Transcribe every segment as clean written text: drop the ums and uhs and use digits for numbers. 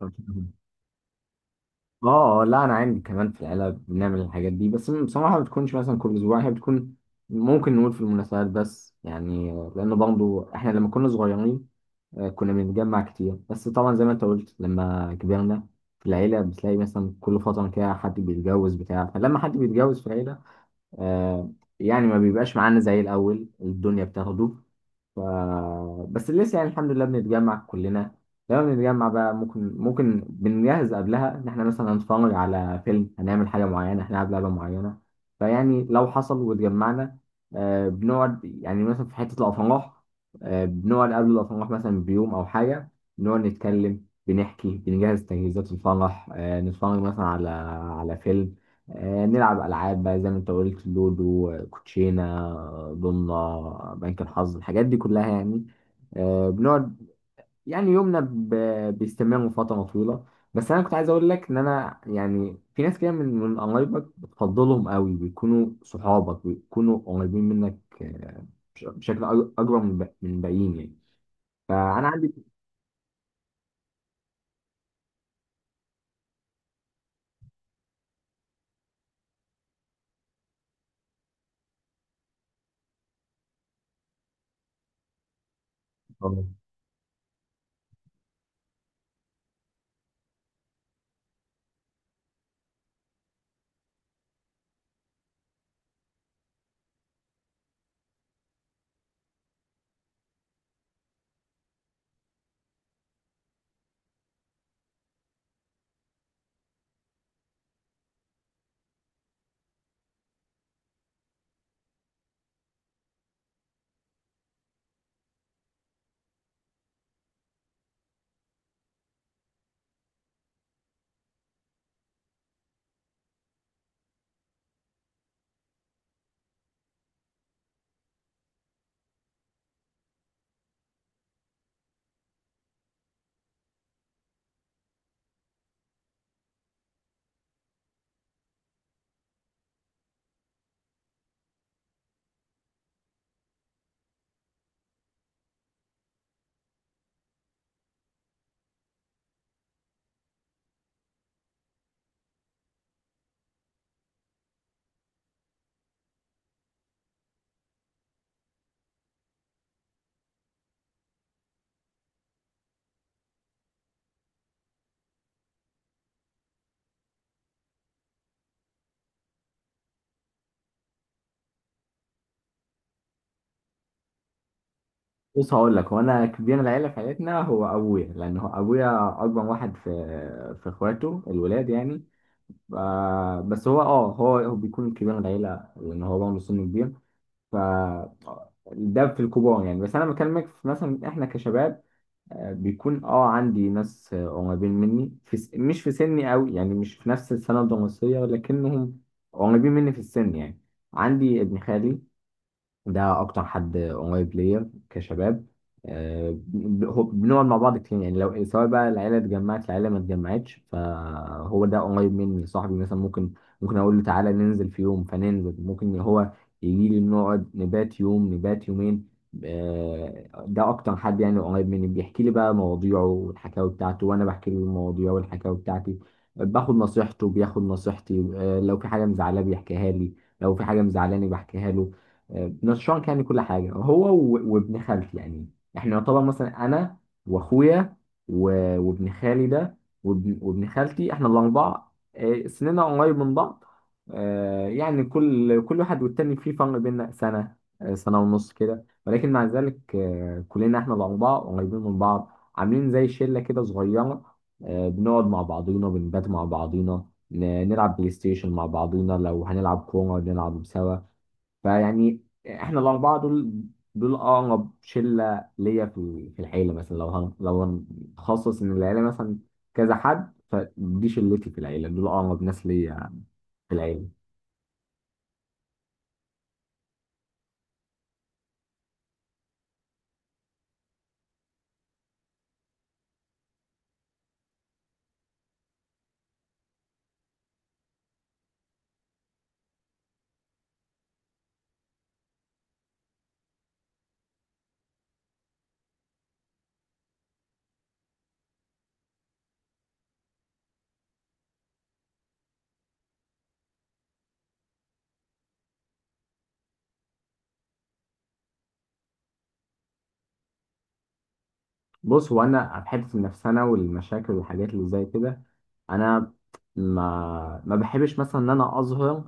اه، آه، لا، انا عندي كمان في العيله بنعمل الحاجات دي. بس بصراحه ما بتكونش مثلا كل اسبوع، هي بتكون ممكن نقول في المناسبات بس، يعني لان برضه احنا لما كنا صغيرين آه، كنا بنتجمع كتير. بس طبعا زي ما انت قلت، لما كبرنا في العيله بتلاقي مثلا كل فتره كده حد بيتجوز بتاع، فلما حد بيتجوز في العيله آه، يعني ما بيبقاش معانا زي الأول، الدنيا بتاخده. ف... بس لسه يعني الحمد لله بنتجمع كلنا. لما بنتجمع بقى ممكن بنجهز قبلها إن إحنا مثلا هنتفرج على فيلم، هنعمل حاجة معينة، هنلعب لعبة معينة. فيعني لو حصل واتجمعنا، آه، بنقعد يعني مثلا في حتة الأفراح. آه، بنقعد قبل الأفراح مثلا بيوم أو حاجة. بنقعد نتكلم، بنحكي، بنجهز تجهيزات الفرح. آه، نتفرج مثلا على فيلم. آه، نلعب ألعاب بقى زي ما أنت قلت، لودو، آه، كوتشينة، آه، ضمنة، آه، بنك الحظ، الحاجات دي كلها يعني. آه، بنقعد يعني يومنا بيستمر فترة طويلة. بس أنا كنت عايز أقول لك إن أنا يعني في ناس كده من قرايبك بتفضلهم قوي، بيكونوا صحابك، بيكونوا قريبين منك آه، بشكل أكبر من الباقيين يعني. فأنا عندي، بص هقول لك، هو أنا كبير العيلة في عيلتنا هو أبويا، لأن هو أبويا أكبر واحد في إخواته الولاد يعني. ف- بس هو اه هو هو بيكون كبير من العيلة لأن هو برضه سنه كبير. ف ده في الكبار يعني. بس أنا بكلمك في مثلا إحنا كشباب، آه، بيكون عندي ناس، آه، قريبين مني مش في سني أوي، يعني مش في نفس السنة الدراسية، لكنهم قريبين مني في السن يعني. عندي ابن خالي، ده اكتر حد قريب ليا كشباب. آه، بنقعد مع بعض كتير. يعني لو سواء بقى العيله اتجمعت، العيله ما اتجمعتش، فهو ده قريب مني، صاحبي، مثلا ممكن اقول له تعالى ننزل في يوم فننزل، ممكن هو يجي لي نقعد نبات يوم، نبات يومين. آه، ده اكتر حد يعني قريب مني. بيحكي لي بقى مواضيعه والحكاوي بتاعته، وانا بحكي له المواضيع والحكاوي بتاعتي. باخد نصيحته، بياخد نصيحتي. آه، لو في حاجه مزعلاه بيحكيها لي، لو في حاجه مزعلاني بحكيها له. نشان كان كل حاجه، هو وابن خالتي يعني. احنا طبعا مثلا انا واخويا وابن خالي ده وابن خالتي، احنا الاربعه. آه، سننا قريب من بعض. آه، يعني كل واحد والتاني في فرق بيننا سنه، آه، سنه ونص كده. ولكن مع ذلك آه، كلنا احنا الاربعه قريبين من بعض، عاملين زي شله كده صغيره. آه، بنقعد مع بعضينا، بنبات مع بعضينا، نلعب بلاي ستيشن مع بعضينا، لو هنلعب كوره نلعب سوا. فيعني احنا الاربعه دول، دول اقرب شله ليا في العيله. مثلا لو لو هنخصص ان العيله مثلا كذا حد، فدي شلتي في العيله، دول اقرب ناس ليا في العيله. بص هو انا في حته النفسنه والمشاكل والحاجات اللي زي كده، انا ما بحبش مثلا ان انا اظهر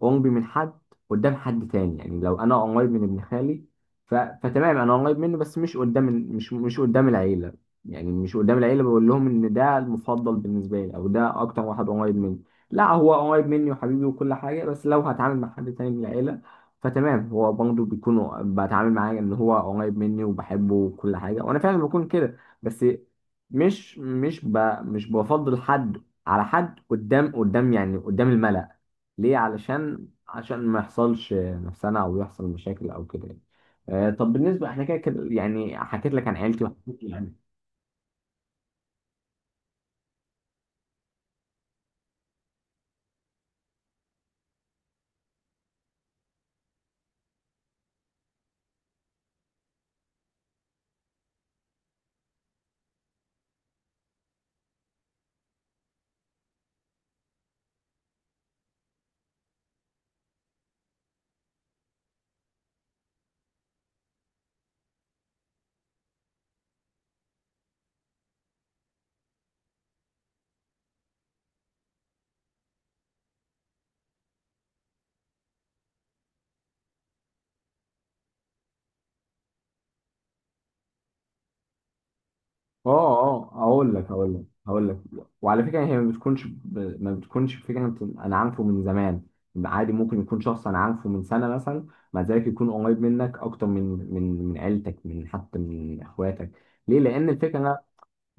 قربي من حد قدام حد تاني. يعني لو انا قريب من ابن خالي، فتمام انا قريب منه، بس مش قدام مش قدام العيله. يعني مش قدام العيله بقول لهم ان ده المفضل بالنسبه لي، او ده اكتر واحد قريب مني. لا، هو قريب مني وحبيبي وكل حاجه، بس لو هتعامل مع حد تاني من العيله فتمام، هو برضه بيكون، بتعامل معاه ان هو قريب مني وبحبه وكل حاجه، وانا فعلا بكون كده. بس مش مش ب مش بفضل حد على حد، قدام يعني قدام الملأ. ليه؟ عشان ما يحصلش نفسنا او يحصل مشاكل او كده يعني. آه، طب بالنسبه احنا كده كده، يعني حكيت لك عن عيلتي وحكيت يعني. اه، اه، اقول لك، هقول لك. وعلى فكره، هي ما بتكونش فكره، انا عارفه من زمان. عادي ممكن يكون شخص انا عارفه من سنه مثلا، مع ذلك يكون قريب منك اكتر من عيلتك، حتى من اخواتك. ليه؟ لان الفكره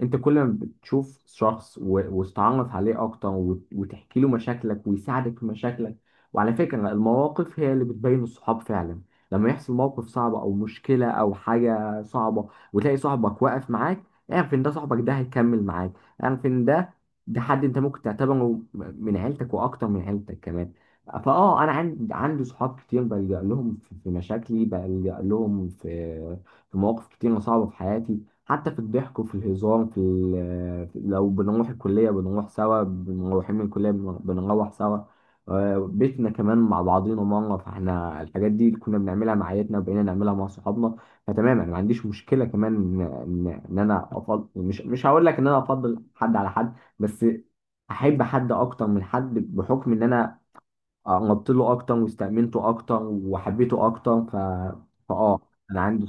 انت كل ما بتشوف شخص وتتعرف عليه اكتر وتحكي له مشاكلك، ويساعدك في مشاكلك. وعلى فكرة، المواقف هي اللي بتبين الصحاب فعلا. لما يحصل موقف صعب او مشكلة او حاجة صعبة، وتلاقي صاحبك واقف معاك، اعرف ان ده صاحبك، ده هيكمل معاك. اعرف ان ده حد انت ممكن تعتبره من عيلتك، واكتر من عيلتك كمان. فاه، انا عندي صحاب كتير، بلجأ لهم في مشاكلي، بلجأ لهم في مواقف كتير صعبة في حياتي. حتى في الضحك وفي الهزار، لو بنروح الكلية بنروح سوا، بنروحين من الكلية بنروح سوا. آه، بيتنا كمان مع بعضينا مرة. فاحنا الحاجات دي كنا بنعملها مع عائلتنا، وبقينا نعملها مع صحابنا. فتمام انا ما عنديش مشكلة كمان، ان ان إن انا افضل، مش هقول لك ان انا افضل حد على حد، بس احب حد اكتر من حد بحكم ان انا قربت له اكتر، واستأمنته اكتر، وحبيته اكتر. فاه، انا عندي.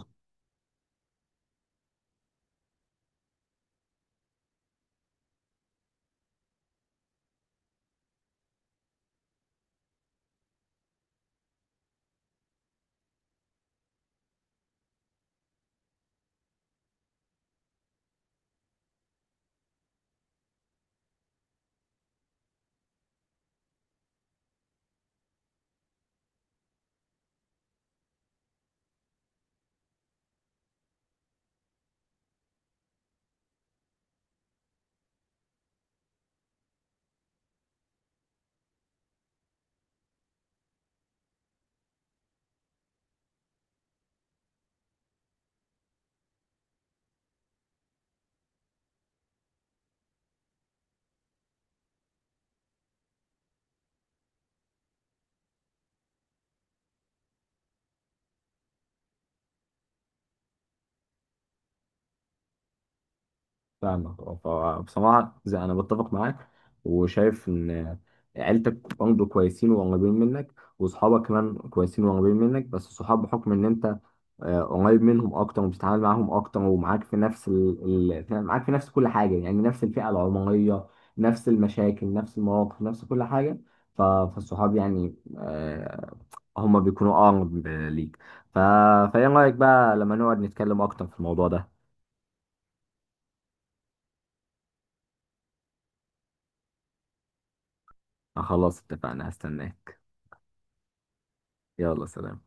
فاهمك، فبصراحة زي أنا بتفق معاك، وشايف إن عيلتك برضه كويسين وقريبين منك، وصحابك كمان كويسين وقريبين منك. بس الصحاب بحكم إن أنت آه، قريب منهم أكتر، وبتتعامل معاهم أكتر، ومعاك في نفس يعني معاك في نفس كل حاجة. يعني نفس الفئة العمرية، نفس المشاكل، نفس المواقف، نفس كل حاجة. فالصحاب يعني آه، هما بيكونوا أقرب ليك. ف... فإيه رأيك بقى لما نقعد نتكلم أكتر في الموضوع ده؟ خلاص اتفقنا، هستناك. يلا سلام.